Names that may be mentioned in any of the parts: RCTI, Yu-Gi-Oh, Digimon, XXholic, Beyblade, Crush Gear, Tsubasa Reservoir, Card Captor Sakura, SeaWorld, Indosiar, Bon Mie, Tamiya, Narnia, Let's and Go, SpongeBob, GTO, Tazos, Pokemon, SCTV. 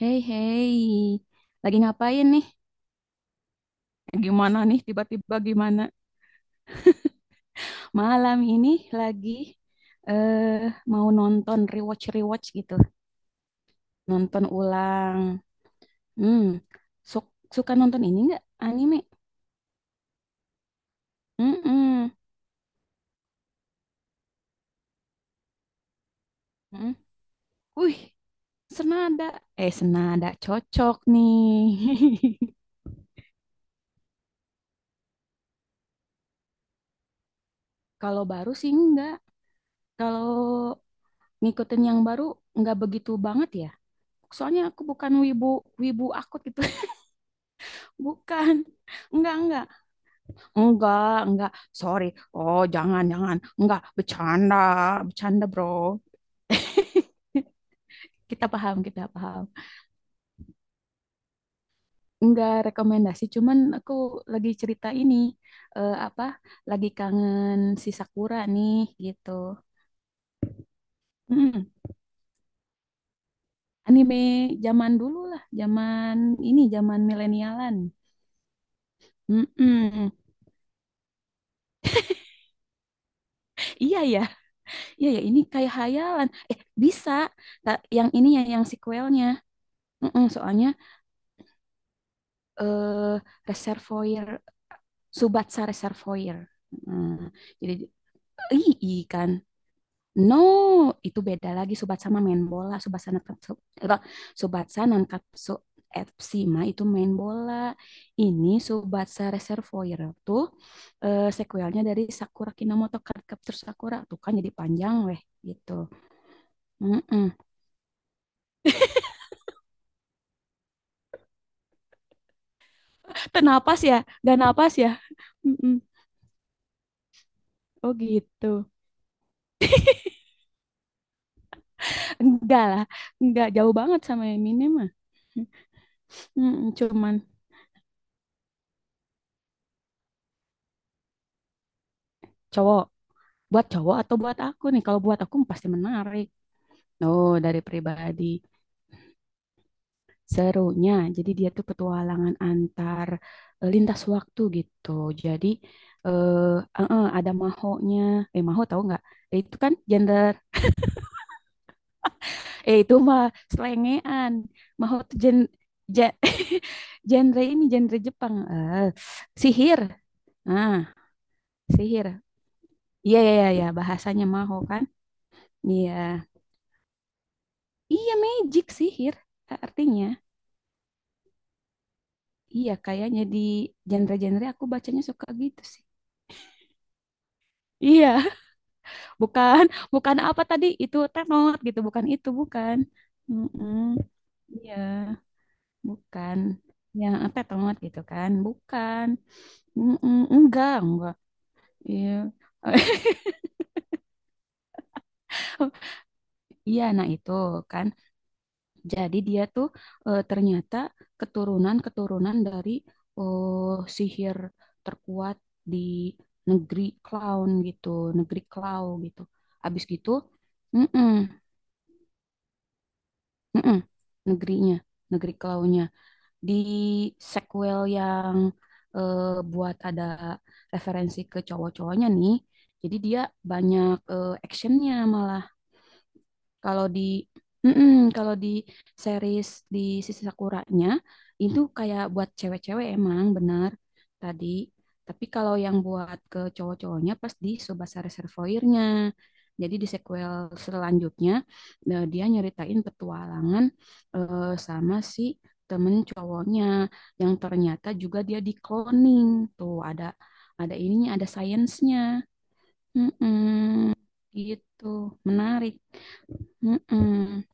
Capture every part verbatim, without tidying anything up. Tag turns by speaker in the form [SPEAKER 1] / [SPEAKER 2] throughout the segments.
[SPEAKER 1] Hei, hei, lagi ngapain nih? Eh, Gimana nih? Tiba-tiba gimana? Malam ini lagi eh mau nonton rewatch-rewatch gitu, nonton ulang. Hmm, su- suka nonton ini nggak? Anime? Mm-mm. Mm. Wih, senada. Eh, senada cocok nih. Kalau baru sih enggak. Kalau ngikutin yang baru nggak begitu banget ya. Soalnya aku bukan wibu wibu akut gitu. Bukan. Enggak, enggak. Enggak, enggak. Sorry. Oh, jangan, jangan. Enggak, bercanda. Bercanda, bro. Kita paham, kita paham. Enggak rekomendasi, cuman aku lagi cerita ini. Eh, apa? Lagi kangen si Sakura nih, gitu. Mm, Anime zaman dulu lah. Zaman ini, zaman milenialan. Mm-mm. Iya ya, iya ya. Ini kayak hayalan. Eh, bisa. Ta- Yang ini ya, yang sequelnya. Mm-mm, soalnya eh, reservoir Subatsa Reservoir. Nah, jadi i I kan, No, itu beda lagi Subatsa sama main bola, Subatsa Nankatsu. eh, Subatsa Nankatsu F C mah itu main bola. Ini Subatsa Reservoir tuh eh, sequelnya dari Sakura Kinomoto Card Captor Sakura tuh kan jadi panjang weh gitu. Mm-mm. Tenapas ya, gak napas ya. Mm-mm. Oh gitu. Enggak lah, enggak jauh banget sama yang ini mah. Mm, cuman cowok buat cowok atau buat aku nih kalau buat aku pasti menarik oh dari pribadi serunya jadi dia tuh petualangan antar eh, lintas waktu gitu jadi eh eh, eh, ada mahonya eh maho tahu nggak. Eh, itu kan gender eh itu mah selengean maho tuh gen ja- genre ini genre Jepang eh sihir nah sihir iya iya iya iya, bahasanya maho kan iya. Iya magic sihir a- artinya. Iya kayaknya di genre-genre aku bacanya suka gitu sih. Iya, bukan bukan apa tadi itu tenor gitu, bukan itu bukan. Mm-mm. Iya, bukan. Ya tenor gitu kan, bukan. Mm-mm, enggak, enggak. Iya. Iya, nah itu kan. Jadi dia tuh eh, ternyata keturunan-keturunan dari eh, sihir terkuat di negeri clown gitu, negeri clown gitu. Habis gitu, mm-mm, mm-mm, negerinya, negeri clownnya di sequel yang eh, buat ada referensi ke cowok-cowoknya nih. Jadi dia banyak eh, actionnya malah. Kalau di mm-mm, kalau di series di Sisi Sakuranya itu kayak buat cewek-cewek emang benar tadi. Tapi kalau yang buat ke cowok-cowoknya pas di Tsubasa Reservoir-nya. Jadi di sequel selanjutnya eh, dia nyeritain petualangan eh, sama si temen cowoknya yang ternyata juga dia di cloning. Tuh ada ada ininya, ada sainsnya. Mm-mm. Gitu, menarik. Mm-mm.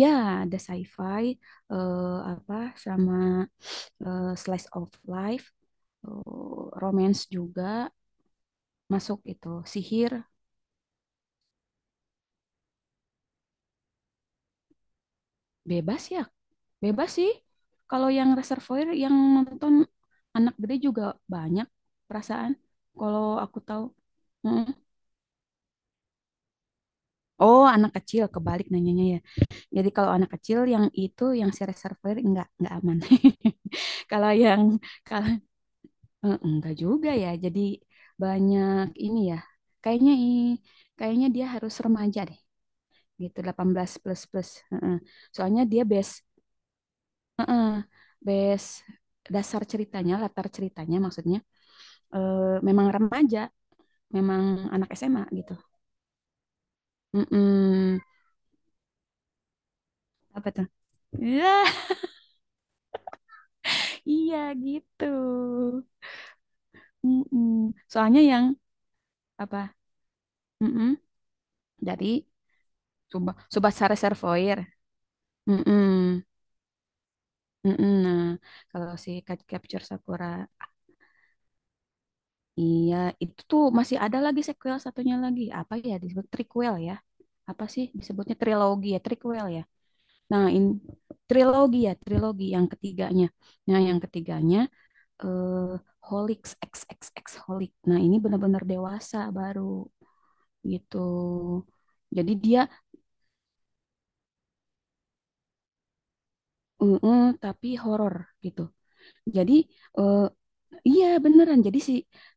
[SPEAKER 1] Ya, ada sci-fi, eh, apa sama eh, slice of life, eh, romance juga masuk itu. Sihir bebas ya, bebas sih. Kalau yang Reservoir yang nonton anak gede juga banyak perasaan. Kalau aku tahu, mm-mm. Oh anak kecil kebalik nanyanya ya. Jadi kalau anak kecil yang itu yang si Reservoir enggak enggak aman. Kalau yang kalau. Eh, enggak juga ya. Jadi banyak ini ya. Kayaknya i- Kayaknya dia harus remaja deh. Gitu delapan belas plus plus. Heeh. Soalnya dia base heeh, base dasar ceritanya, latar ceritanya maksudnya eh, memang remaja, memang anak S M A gitu. Mm-mm. Apa tuh? Ya, iya gitu. Mm-mm. Soalnya yang apa? Mm-mm. Dari Subah Subasa Reservoir. Mm-mm. Mm-mm, nah, kalau si Cat- Capture Sakura, iya itu tuh masih ada lagi sequel satunya lagi. Apa ya disebut prequel ya? Apa sih disebutnya trilogi ya, prequel ya. Nah, in trilogi ya, trilogi yang ketiganya. Nah, yang ketiganya eh Holix x x X Holic. Nah, ini benar-benar dewasa baru gitu. Jadi dia eh, eh, tapi horor gitu. Jadi eh, iya beneran. Jadi si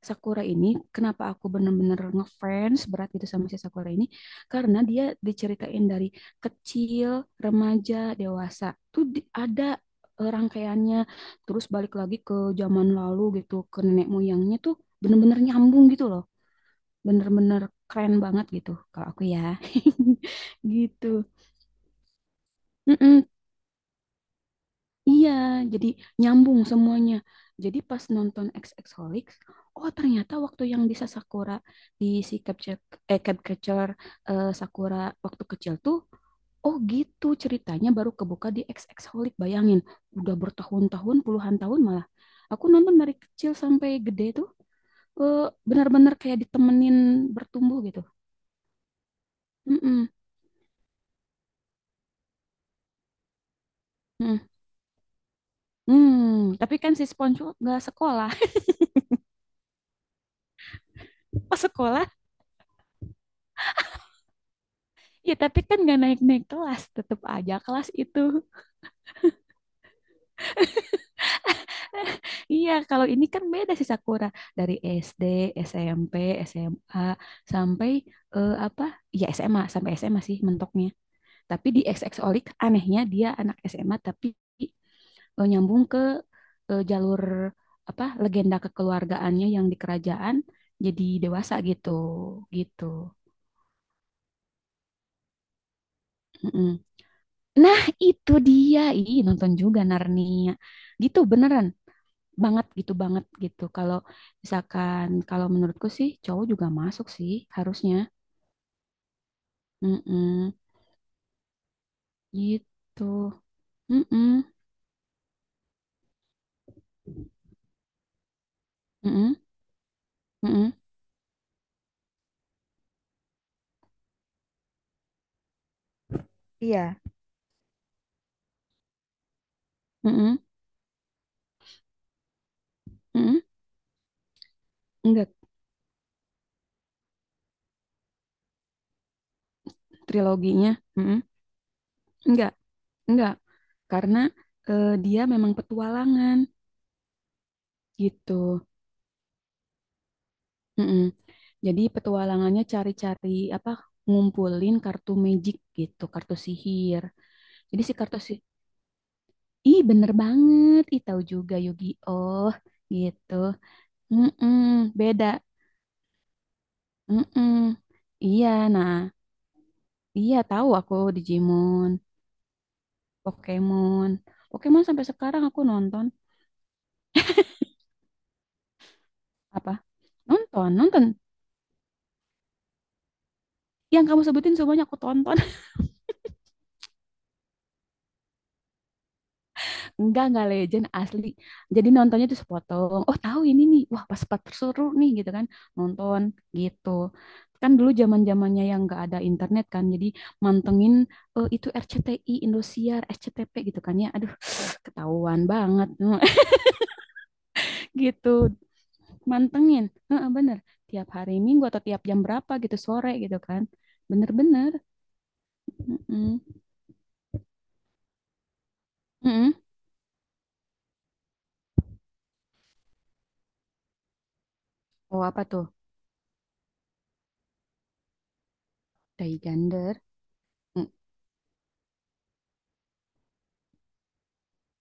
[SPEAKER 1] Sakura ini kenapa aku bener-bener ngefans berat gitu sama si Sakura ini karena dia diceritain dari kecil, remaja, dewasa. Tuh di- ada eh, rangkaiannya terus balik lagi ke zaman lalu gitu, ke nenek moyangnya tuh bener-bener nyambung gitu loh. Bener-bener keren banget gitu kalau aku ya. Gitu. Mm-mm. Iya, jadi nyambung semuanya. Jadi pas nonton XXholics, oh ternyata waktu yang di Sakura di si capture eh capture eh, Sakura waktu kecil tuh oh gitu ceritanya baru kebuka di XXholic. Bayangin, udah bertahun-tahun, puluhan tahun malah. Aku nonton dari kecil sampai gede tuh eh, benar-benar kayak ditemenin bertumbuh gitu. Mm-mm. Mm. Hmm, tapi kan si SpongeBob nggak sekolah. Pas sekolah. Ya, tapi kan nggak naik-naik kelas, tetap aja kelas itu. Iya, kalau ini kan beda sih Sakura dari S D, S M P, S M A sampai eh, apa? Ya SMA sampai S M A sih mentoknya. Tapi di X X Olik anehnya dia anak S M A tapi eh, nyambung ke eh, jalur apa? Legenda kekeluargaannya yang di kerajaan jadi dewasa gitu, gitu. Mm-mm. Nah, itu dia. Ih, nonton juga Narnia. Gitu beneran banget gitu banget gitu. Kalau misalkan kalau menurutku sih cowok juga masuk sih harusnya. Mm-mm, gitu. Mm-mm, mm-mm, mm-mm, iya. mm-mm, mm-mm. Enggak triloginya. Mm-mm. Enggak, enggak. Karena eh, dia memang petualangan gitu. Mm-mm. Jadi petualangannya cari-cari apa ngumpulin kartu magic gitu, kartu sihir. Jadi si kartu si. Ih, bener banget. Ih, tahu juga Yu-Gi-Oh gitu. Mm-mm, beda. Mm-mm. Iya, nah, iya tahu aku Digimon, Pokemon. Pokemon sampai sekarang aku nonton apa? Nonton, nonton. Yang kamu sebutin semuanya aku tonton. Enggak, enggak legend asli. Jadi nontonnya tuh sepotong. Oh, tahu ini nih. Wah, pas pas seru nih gitu kan. Nonton gitu. Kan dulu zaman-zamannya yang enggak ada internet kan. Jadi mantengin eh, itu R C T I, Indosiar, S C T V gitu kan ya. Aduh, ketahuan banget gitu. Mantengin. Heeh, bener. Tiap hari Minggu atau tiap jam berapa gitu sore gitu kan. Bener-bener. Mm-mm. Mm-mm. Oh, apa tuh? Day Gender. Mm,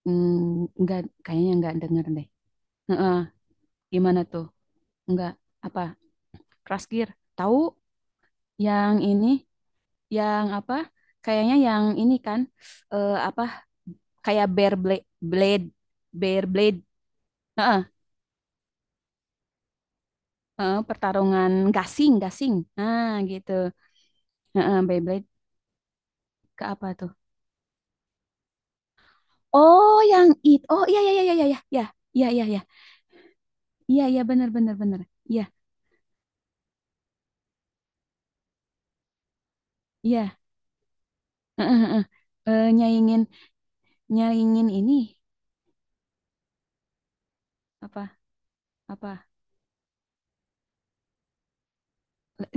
[SPEAKER 1] mm, enggak, kayaknya enggak denger deh. Heeh. Gimana tuh? Enggak apa? Crush Gear. Tahu yang ini yang apa? Kayaknya yang ini kan eh, apa kayak Bear Blade Blade Bear Blade. Heeh, heeh, pertarungan gasing gasing. Nah, gitu. Heeh, Beyblade ke apa tuh? Oh, yang it. Oh, iya iya iya iya iya iya. Iya iya iya. Iya iya benar benar benar. Iya, iya. Heeh, heeh. Eh, nyaingin nyaingin ini apa? Apa.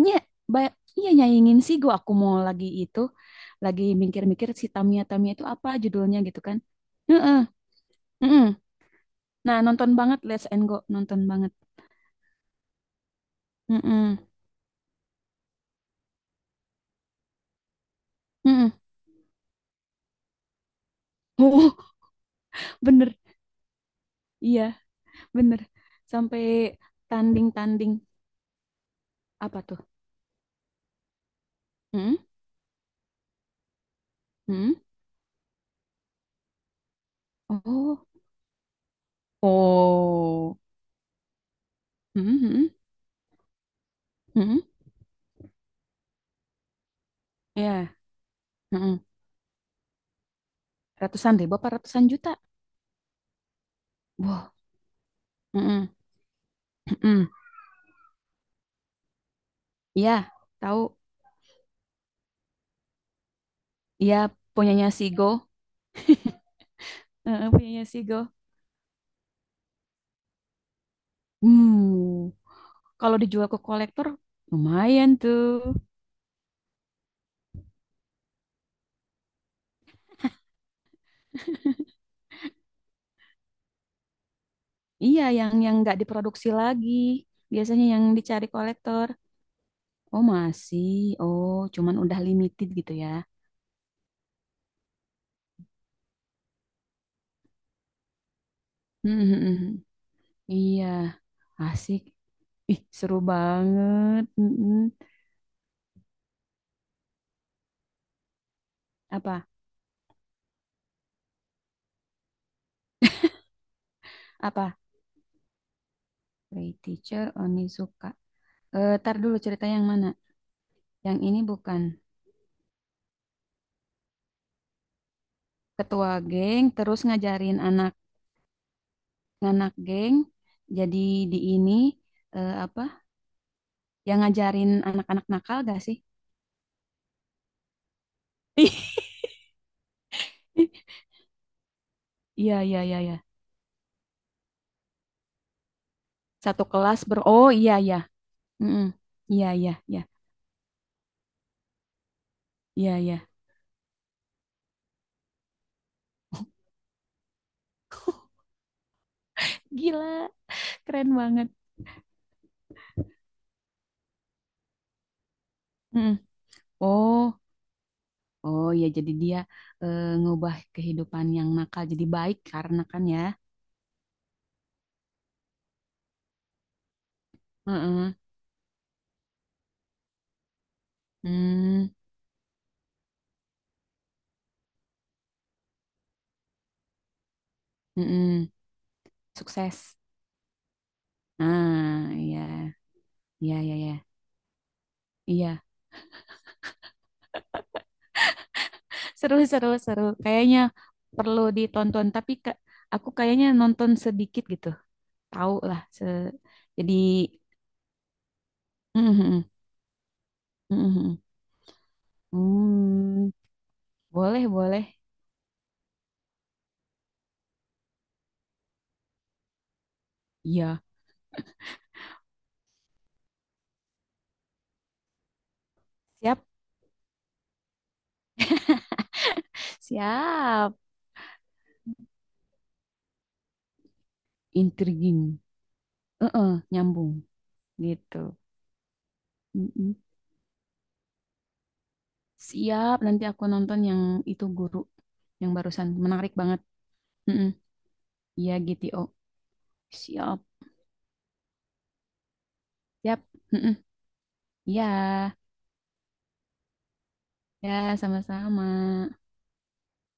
[SPEAKER 1] Nya, ba- iya nyanyiin sih gua aku mau lagi itu lagi mikir-mikir si Tamiya Tamiya itu apa judulnya gitu kan. Heeh, heeh. Nah, nonton banget Let's and Go, nonton banget. Heeh. Heeh. Oh, bener. Iya, bener. Sampai tanding-tanding apa tuh? Heeh. Heeh. Oh. Oh. Heeh, heeh. Heeh. Iya, heeh. Ratusan ribu apa ratusan juta? Wah. Heeh. Heeh. Iya, tahu. Iya, punyanya si Go. Heeh, punyanya Sigo. Hmm, kalau dijual ke kolektor, lumayan tuh. Iya, yang yang nggak diproduksi lagi. Biasanya yang dicari kolektor. Oh, masih. Oh, cuman udah limited gitu ya. Hmm, hmm, hmm. Iya, asik. Ih, seru banget. Mm-mm. Apa? Apa? Ray Teacher Onizuka. Eh, tar dulu cerita yang mana? Yang ini bukan. Ketua geng terus ngajarin anak nganak geng jadi di ini eh, apa yang ngajarin anak-anak nakal gak sih? Iya iya iya iya. Satu kelas ber. Oh iya iya. Mm-mm. Iya iya iya. Iya iya. Gila, keren banget. Mm. Oh, oh iya jadi dia eh, ngubah kehidupan yang nakal jadi baik karena kan ya. Heeh. Mm. Mm-mm. Sukses. Ah, iya. Iya iya iya. Iya. Seru, seru, seru. Kayaknya perlu ditonton, tapi ke, aku kayaknya nonton sedikit gitu. Tahu lah. Se, jadi, mhm, mhm. Mhm, mhm. Hmm, boleh, boleh. Iya, siap, siap. Intriguing. Heeh, nyambung gitu. Mhm. Siap, nanti aku nonton yang itu guru yang barusan. Menarik banget. Mhm. Iya, G T O. Siap, siap. Mhm. Iya, ya, sama-sama.